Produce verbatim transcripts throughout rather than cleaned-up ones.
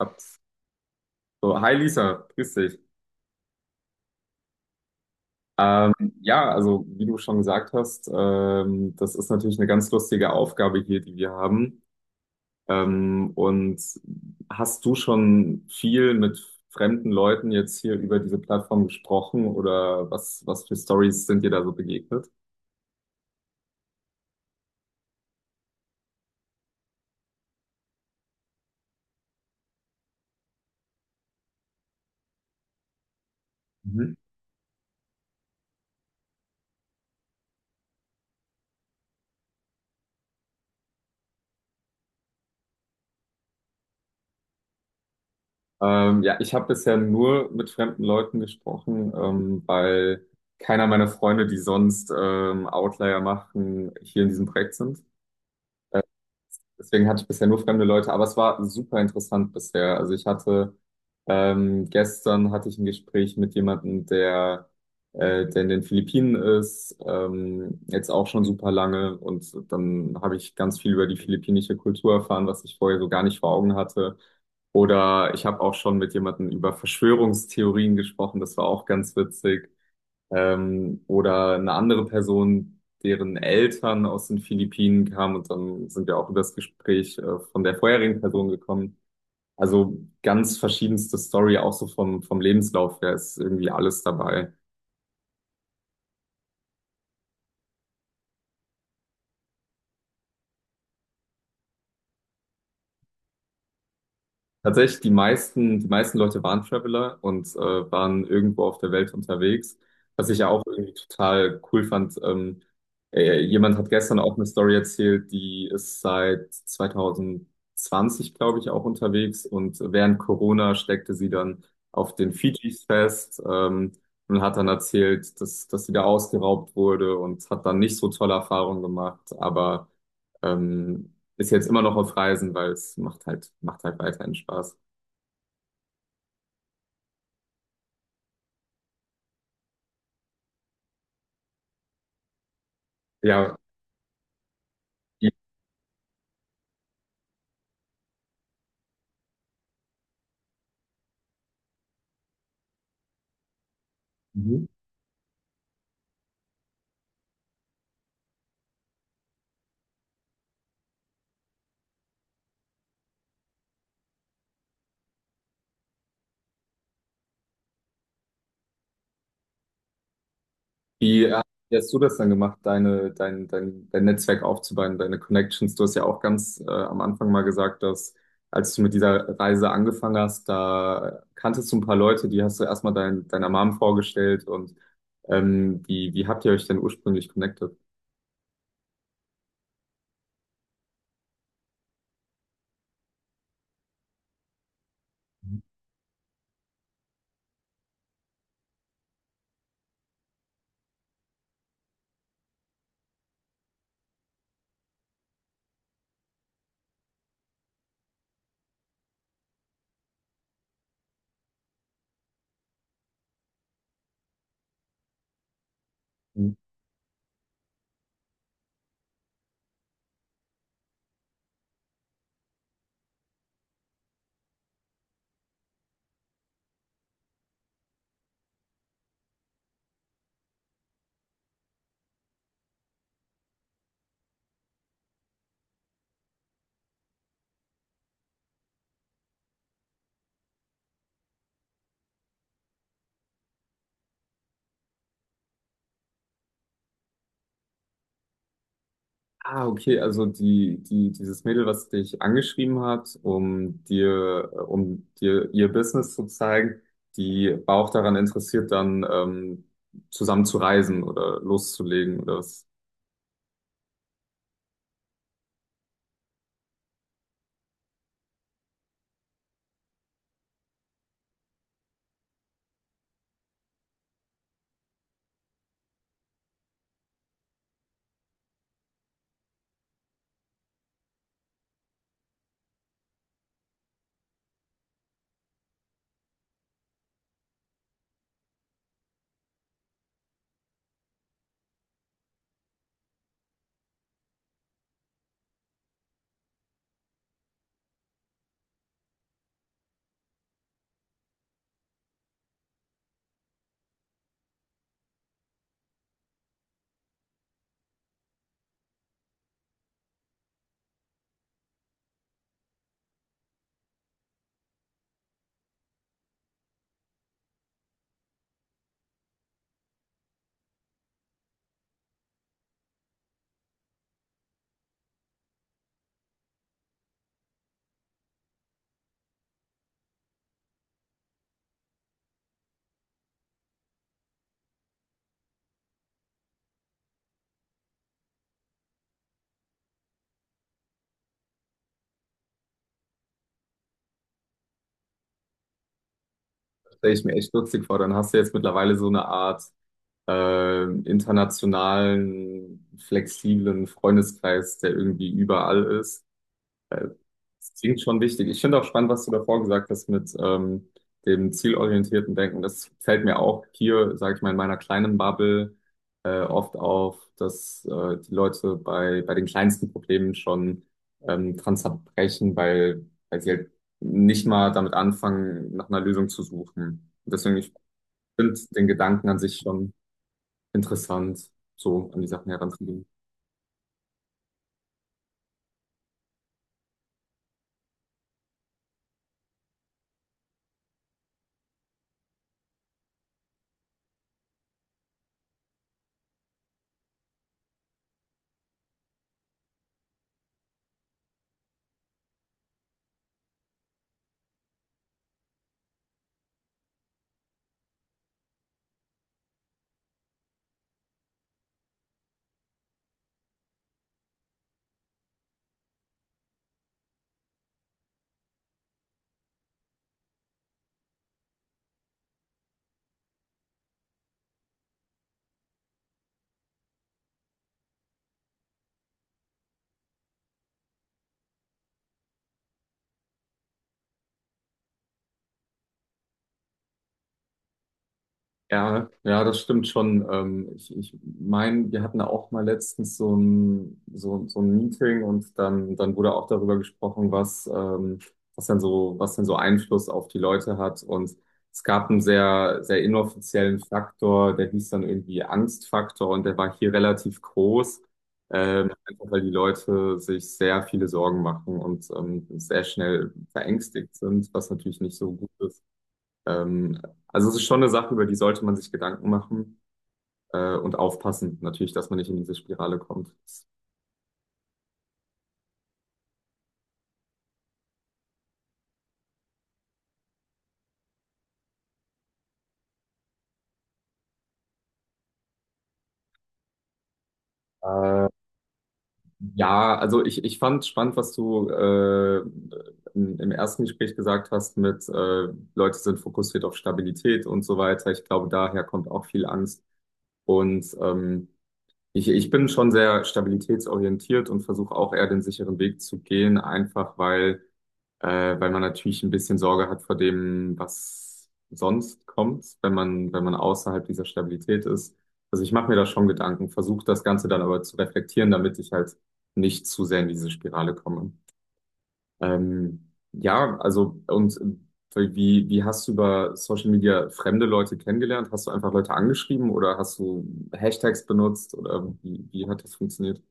Ups. So, hi Lisa, grüß dich. Ähm, ja, also wie du schon gesagt hast, ähm, das ist natürlich eine ganz lustige Aufgabe hier, die wir haben. Ähm, und hast du schon viel mit fremden Leuten jetzt hier über diese Plattform gesprochen oder was, was für Stories sind dir da so begegnet? Mhm. Ähm, ja, ich habe bisher nur mit fremden Leuten gesprochen, ähm, weil keiner meiner Freunde, die sonst ähm, Outlier machen, hier in diesem Projekt sind. Deswegen hatte ich bisher nur fremde Leute, aber es war super interessant bisher. Also ich hatte ähm, gestern hatte ich ein Gespräch mit jemandem, der, äh, der in den Philippinen ist, ähm, jetzt auch schon super lange. Und dann habe ich ganz viel über die philippinische Kultur erfahren, was ich vorher so gar nicht vor Augen hatte. Oder ich habe auch schon mit jemandem über Verschwörungstheorien gesprochen, das war auch ganz witzig. Ähm, oder eine andere Person, deren Eltern aus den Philippinen kamen und dann sind wir auch über das Gespräch äh, von der vorherigen Person gekommen. Also ganz verschiedenste Story, auch so vom, vom Lebenslauf her ist irgendwie alles dabei. Tatsächlich, die meisten, die meisten Leute waren Traveler und äh, waren irgendwo auf der Welt unterwegs. Was ich ja auch irgendwie total cool fand. Ähm, äh, jemand hat gestern auch eine Story erzählt, die ist seit zwanzig zwanzig, glaube ich, auch unterwegs. Und während Corona steckte sie dann auf den Fidschis fest, ähm, und hat dann erzählt, dass, dass sie da ausgeraubt wurde und hat dann nicht so tolle Erfahrungen gemacht. Aber. Ähm, ist jetzt immer noch auf Reisen, weil es macht halt, macht halt weiterhin Spaß. Ja. Wie, mhm. wie äh, wie hast du das dann gemacht, deine, dein, dein, dein Netzwerk aufzubauen, deine Connections? Du hast ja auch ganz äh, am Anfang mal gesagt, dass als du mit dieser Reise angefangen hast, da kanntest du ein paar Leute, die hast du erstmal dein, deiner Mom vorgestellt und ähm, wie, wie habt ihr euch denn ursprünglich connected? Ah, okay, also die, die, dieses Mädel, was dich angeschrieben hat, um dir, um dir ihr Business zu zeigen, die war auch daran interessiert, dann ähm, zusammen zu reisen oder loszulegen. Oder was? Das stelle ich mir echt lustig vor. Dann hast du jetzt mittlerweile so eine Art äh, internationalen, flexiblen Freundeskreis, der irgendwie überall ist. Äh, Das klingt schon wichtig. Ich finde auch spannend, was du davor gesagt hast mit ähm, dem zielorientierten Denken. Das fällt mir auch hier, sage ich mal, in meiner kleinen Bubble äh, oft auf, dass äh, die Leute bei, bei den kleinsten Problemen schon ähm, dran zerbrechen, weil, weil sie halt nicht mal damit anfangen, nach einer Lösung zu suchen. Und deswegen, ich finde den Gedanken an sich schon interessant, so an die Sachen heranzugehen. Ja, ja, das stimmt schon. Ähm, ich ich meine, wir hatten da auch mal letztens so ein, so, so ein Meeting und dann, dann wurde auch darüber gesprochen, was, ähm, was denn so, was denn so Einfluss auf die Leute hat. Und es gab einen sehr, sehr inoffiziellen Faktor, der hieß dann irgendwie Angstfaktor und der war hier relativ groß, ähm, einfach weil die Leute sich sehr viele Sorgen machen und ähm, sehr schnell verängstigt sind, was natürlich nicht so gut ist. Ähm, also es ist schon eine Sache, über die sollte man sich Gedanken machen äh, und aufpassen, natürlich, dass man nicht in diese Spirale kommt. Äh, ja, also ich, ich fand spannend, was du äh, im im ersten Gespräch gesagt hast mit äh, Leute sind fokussiert auf Stabilität und so weiter. Ich glaube, daher kommt auch viel Angst. Und ähm, ich, ich bin schon sehr stabilitätsorientiert und versuche auch eher den sicheren Weg zu gehen, einfach weil äh, weil man natürlich ein bisschen Sorge hat vor dem, was sonst kommt, wenn man, wenn man außerhalb dieser Stabilität ist. Also ich mache mir da schon Gedanken, versuche das Ganze dann aber zu reflektieren, damit ich halt nicht zu sehr in diese Spirale komme. Ähm, ja, also und äh, wie, wie hast du über Social Media fremde Leute kennengelernt? Hast du einfach Leute angeschrieben oder hast du Hashtags benutzt oder wie, wie hat das funktioniert?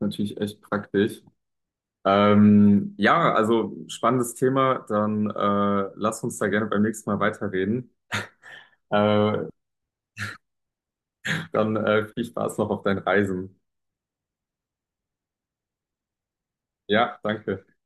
Natürlich echt praktisch. Ähm, ja, also spannendes Thema. Dann äh, lass uns da gerne beim nächsten Mal weiterreden. Äh, dann äh, viel Spaß noch auf deinen Reisen. Ja, danke.